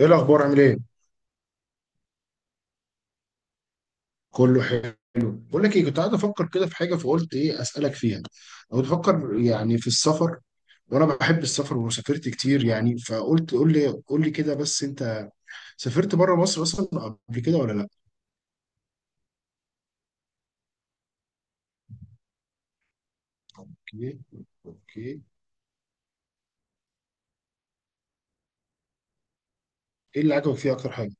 ايه الاخبار؟ عامل ايه؟ كله حلو. بقول لك ايه، كنت قاعد افكر كده في حاجه، فقلت ايه اسالك فيها. او بفكر يعني في السفر، وانا بحب السفر وسافرت كتير يعني. فقلت قول لي كده. بس انت سافرت بره مصر اصلا قبل كده ولا لا؟ اوكي. اوكي. ايه اللي عجبك فيها اكتر حاجه؟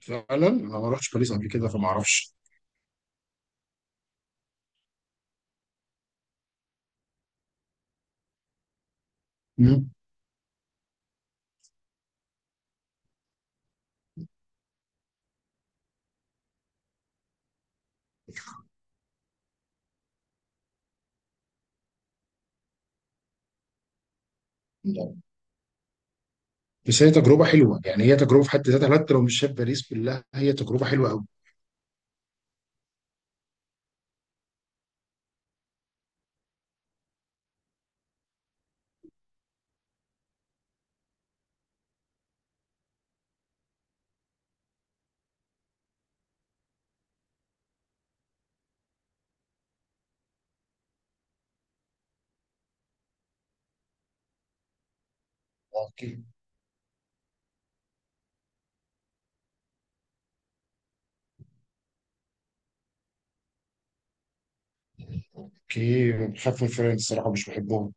فعلا انا ما رحتش باريس قبل كده فما اعرفش. مم. بس هي تجربه حلوه يعني، هي تجربه في حد ذاتها حتى لو مش شايف باريس بالله، هي تجربه حلوه قوي. اوكي. اوكي، بخاف من فرنسا الصراحه، مش بحبهم.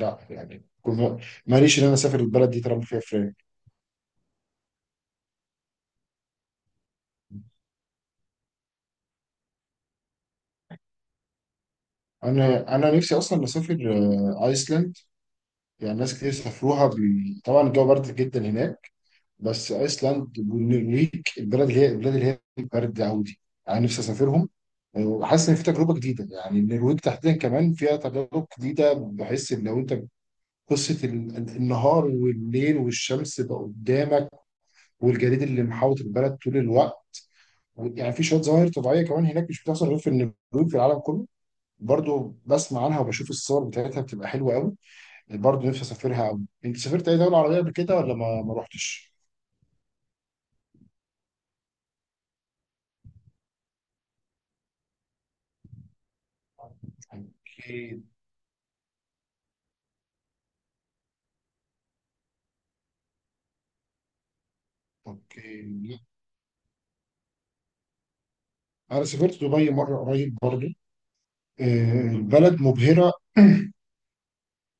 لا يعني ماليش ان انا اسافر البلد دي طالما فيها فراخ. انا نفسي اصلا اسافر ايسلاند. يعني ناس كتير سافروها طبعا الجو برد جدا هناك. بس ايسلاند والنرويج، البلد اللي هي البلاد اللي هي برد عودي، انا نفسي اسافرهم. وحاسس ان في تجربه جديده. يعني النرويج تحديدا كمان فيها تجارب جديده. بحس ان لو انت قصه النهار والليل والشمس بقى قدامك، والجليد اللي محاوط البلد طول الوقت. يعني في شويه ظواهر طبيعيه كمان هناك مش بتحصل غير في النرويج في العالم كله. برضو بسمع عنها وبشوف الصور بتاعتها بتبقى حلوه قوي. برضو نفسي اسافرها قوي. انت سافرت اي دوله عربيه قبل كده ولا ما رحتش؟ اوكي. اوكي. انا سافرت دبي مره قريب برضو. البلد مبهره.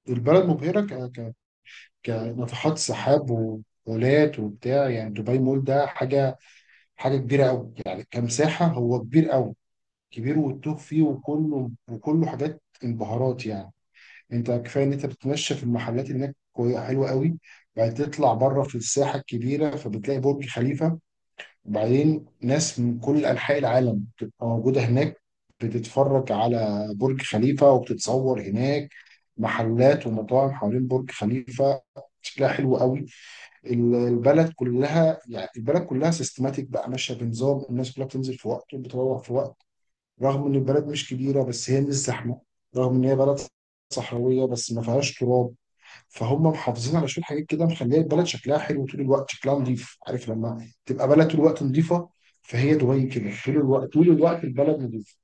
البلد مبهره ك ك كناطحات سحاب ومولات وبتاع. يعني دبي مول ده حاجه كبيره قوي يعني. كمساحه هو كبير قوي، كبير والتوه فيه. وكله حاجات انبهارات يعني. انت كفايه ان انت بتتمشى في المحلات هناك حلوه قوي. بعد تطلع بره في الساحه الكبيره فبتلاقي برج خليفه، وبعدين ناس من كل انحاء العالم بتبقى موجوده هناك، بتتفرج على برج خليفه وبتتصور هناك. محلات ومطاعم حوالين برج خليفه، شكلها حلو قوي. البلد كلها يعني البلد كلها سيستماتيك بقى، ماشيه بنظام. الناس كلها بتنزل في وقت وبتروح في وقت. رغم ان البلد مش كبيره بس هي مش زحمه. رغم ان هي بلد صحراويه بس ما فيهاش تراب، فهم محافظين على شويه حاجات كده مخليه البلد شكلها حلو طول الوقت، شكلها نظيف. عارف لما تبقى بلد طول الوقت نظيفه، فهي دبي كده طول الوقت. طول الوقت البلد نظيفه.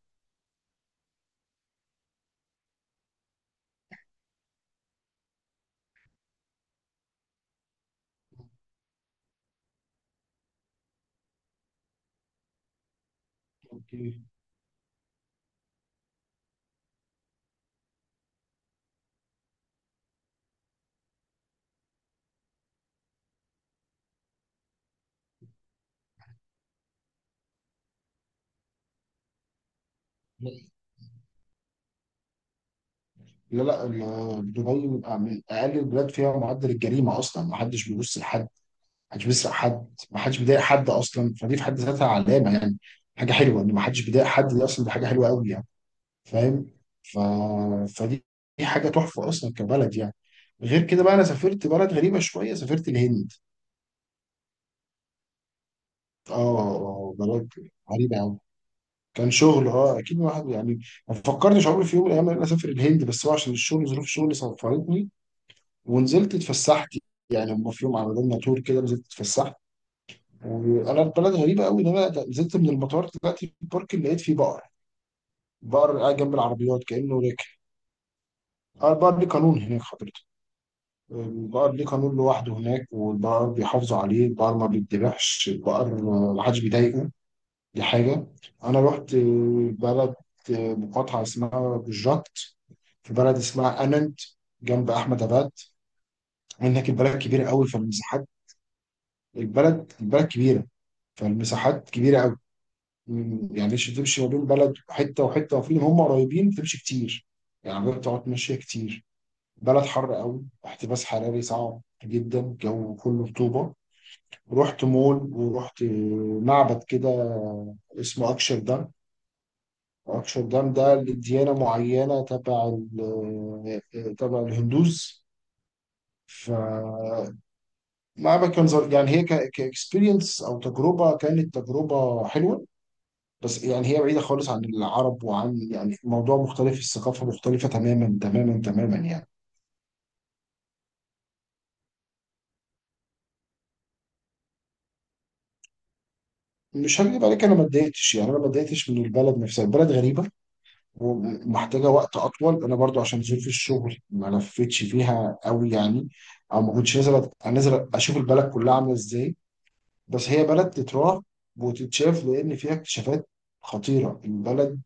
اوكي. لا لا، دبي بيبقى من اقل البلاد فيها معدل الجريمه اصلا. ما حدش بيبص لحد، ما حدش بيسرق حد، ما حدش بيضايق حد اصلا، فدي في حد ذاتها علامه يعني. حاجه حلوه ان ما حدش بيضايق حد، دي اصلا دي حاجه حلوه قوي يعني. فاهم. ف... فدي دي حاجه تحفه اصلا كبلد يعني. غير كده بقى انا سافرت بلد غريبه شويه، سافرت الهند. اه. بلد غريبه قوي. كان شغل، اكيد الواحد يعني ما فكرتش عمري في يوم من الايام ان انا اسافر الهند، بس هو عشان الشغل ظروف شغلي سفرتني. ونزلت اتفسحت، يعني هم في يوم عملوا لنا تور كده. نزلت اتفسحت، وانا البلد غريبه قوي ان انا نزلت من المطار طلعت في البارك لقيت فيه بقر. بقر قاعد جنب العربيات كانه راكب. اه، البقر ليه قانون هناك. البقر ليه قانون لوحده هناك، والبقر بيحافظوا عليه. البقر ما بيتذبحش، البقر ما حدش بيضايقه. دي حاجة. أنا رحت بلد، مقاطعة اسمها بوجات، في بلد اسمها أننت جنب أحمد أباد. هناك البلد كبيرة قوي فالمساحات. البلد كبيرة، فالمساحات كبيرة قوي. يعني مش تمشي ما بين بلد حتة وحتة، وفي هم قريبين تمشي كتير. يعني بتقعد ماشية كتير. بلد حر قوي، احتباس حراري صعب جدا، جو كله رطوبة. رحت مول ورحت معبد كده، اسمه اكشر دام. اكشر دام ده لديانة معينة تبع تبع الهندوز. فمعبد، يعني هي كاكسبيرينس او تجربة، كانت تجربة حلوة. بس يعني هي بعيدة خالص عن العرب وعن يعني موضوع مختلف، الثقافة مختلفة تماما تماما تماما يعني. مش هكذب عليك، انا ما اتضايقتش يعني انا ما اتضايقتش من البلد نفسها. البلد غريبة، ومحتاجه وقت اطول. انا برضو عشان ظروف الشغل ما لفتش فيها قوي يعني، او ما كنتش نازل انزل اشوف البلد كلها عامله ازاي. بس هي بلد تتراح وتتشاف، لان فيها اكتشافات خطيره البلد.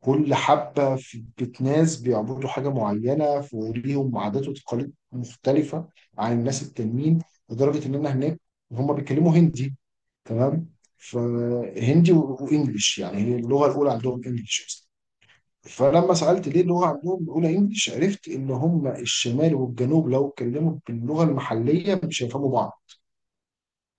كل حبه في بيت ناس بيعبدوا حاجه معينه، في وليهم عادات وتقاليد مختلفه عن الناس التانيين. لدرجه ان انا هناك، هم بيتكلموا هندي. تمام. فهندي وانجلش، يعني هي اللغه الاولى عندهم انجلش. فلما سألت ليه اللغة عندهم الأولى إنجلش، عرفت إن هم الشمال والجنوب لو اتكلموا باللغة المحلية مش هيفهموا بعض.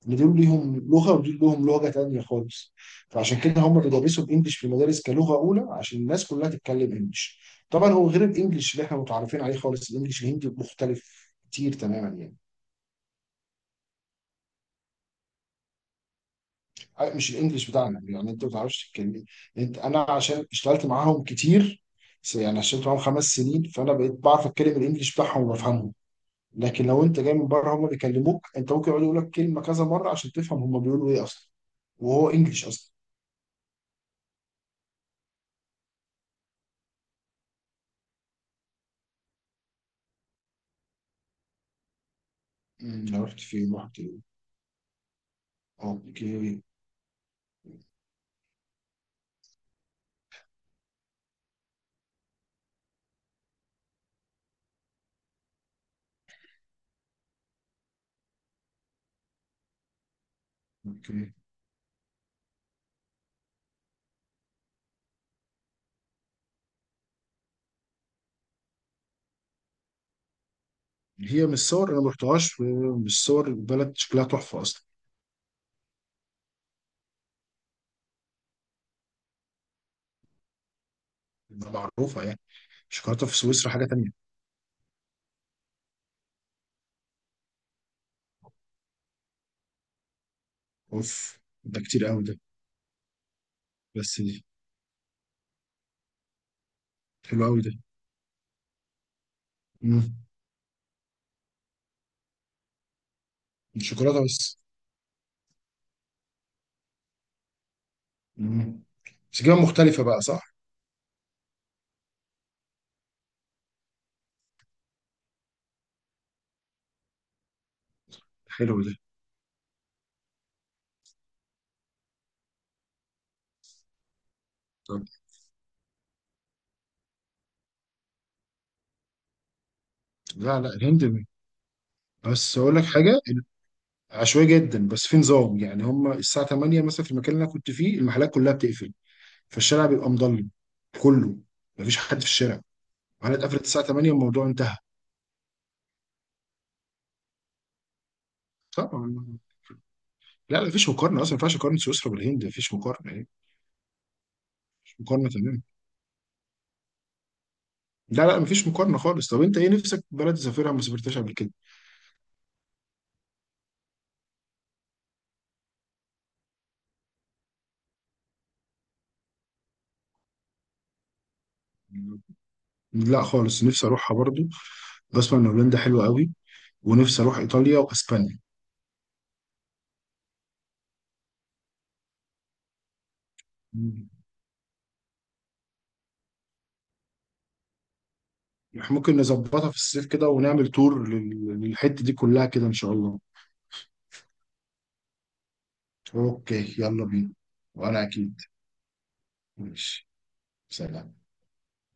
إن دول ليهم لغة ودول لهم لغة تانية خالص. فعشان كده هم بيدرسوا الإنجليش في المدارس كلغة أولى عشان الناس كلها تتكلم إنجليش. طبعا هو غير الإنجليش اللي إحنا متعرفين عليه خالص، الإنجليش الهندي مختلف كتير تماما يعني. مش الإنجليش بتاعنا. يعني أنت ما بتعرفش تتكلم. أنت، أنا عشان اشتغلت معاهم كتير يعني، اشتغلت معاهم 5 سنين فأنا بقيت بعرف أتكلم الإنجليش بتاعهم وبفهمه. لكن لو انت جاي من بره هم بيكلموك انت ممكن يقعدوا يقول لك كلمه كذا مره عشان تفهم هم بيقولوا ايه اصلا. وهو انجلش اصلا. مم. انا رحت فين، رحت ايه. اوكي. اوكي. هي من الصور، انا ما رحتهاش، من الصور البلد شكلها تحفه اصلا. معروفه يعني. شوكولاته في سويسرا حاجه تانية. اوف، ده كتير قوي ده. بس حلو قوي ده. امم الشوكولاته بس. امم بس جبن مختلفه بقى، صح. حلو ده. طب، لا لا الهند. بس اقول لك حاجه، عشوائي جدا بس في نظام يعني. هم الساعة 8 مثلا في المكان اللي انا كنت فيه المحلات كلها بتقفل، فالشارع بيبقى مضلم كله. مفيش حد في الشارع. المحلات قفلت الساعة 8، الموضوع انتهى. طبعا. لا لا مفيش مقارنة اصلا، ما ينفعش اقارن سويسرا بالهند، مفيش مقارنة يعني. مفيش مقارنة تماما. لا لا مفيش مقارنة خالص. طب انت ايه نفسك بلد تسافرها ما سافرتهاش قبل كده؟ لا خالص، نفسي اروحها برضو. بسمع ان هولندا حلوة قوي، ونفسي اروح ايطاليا واسبانيا. مم. احنا ممكن نظبطها في الصيف كده ونعمل تور للحتة دي كلها كده ان شاء الله. اوكي يلا بينا. وانا اكيد. ماشي. سلام.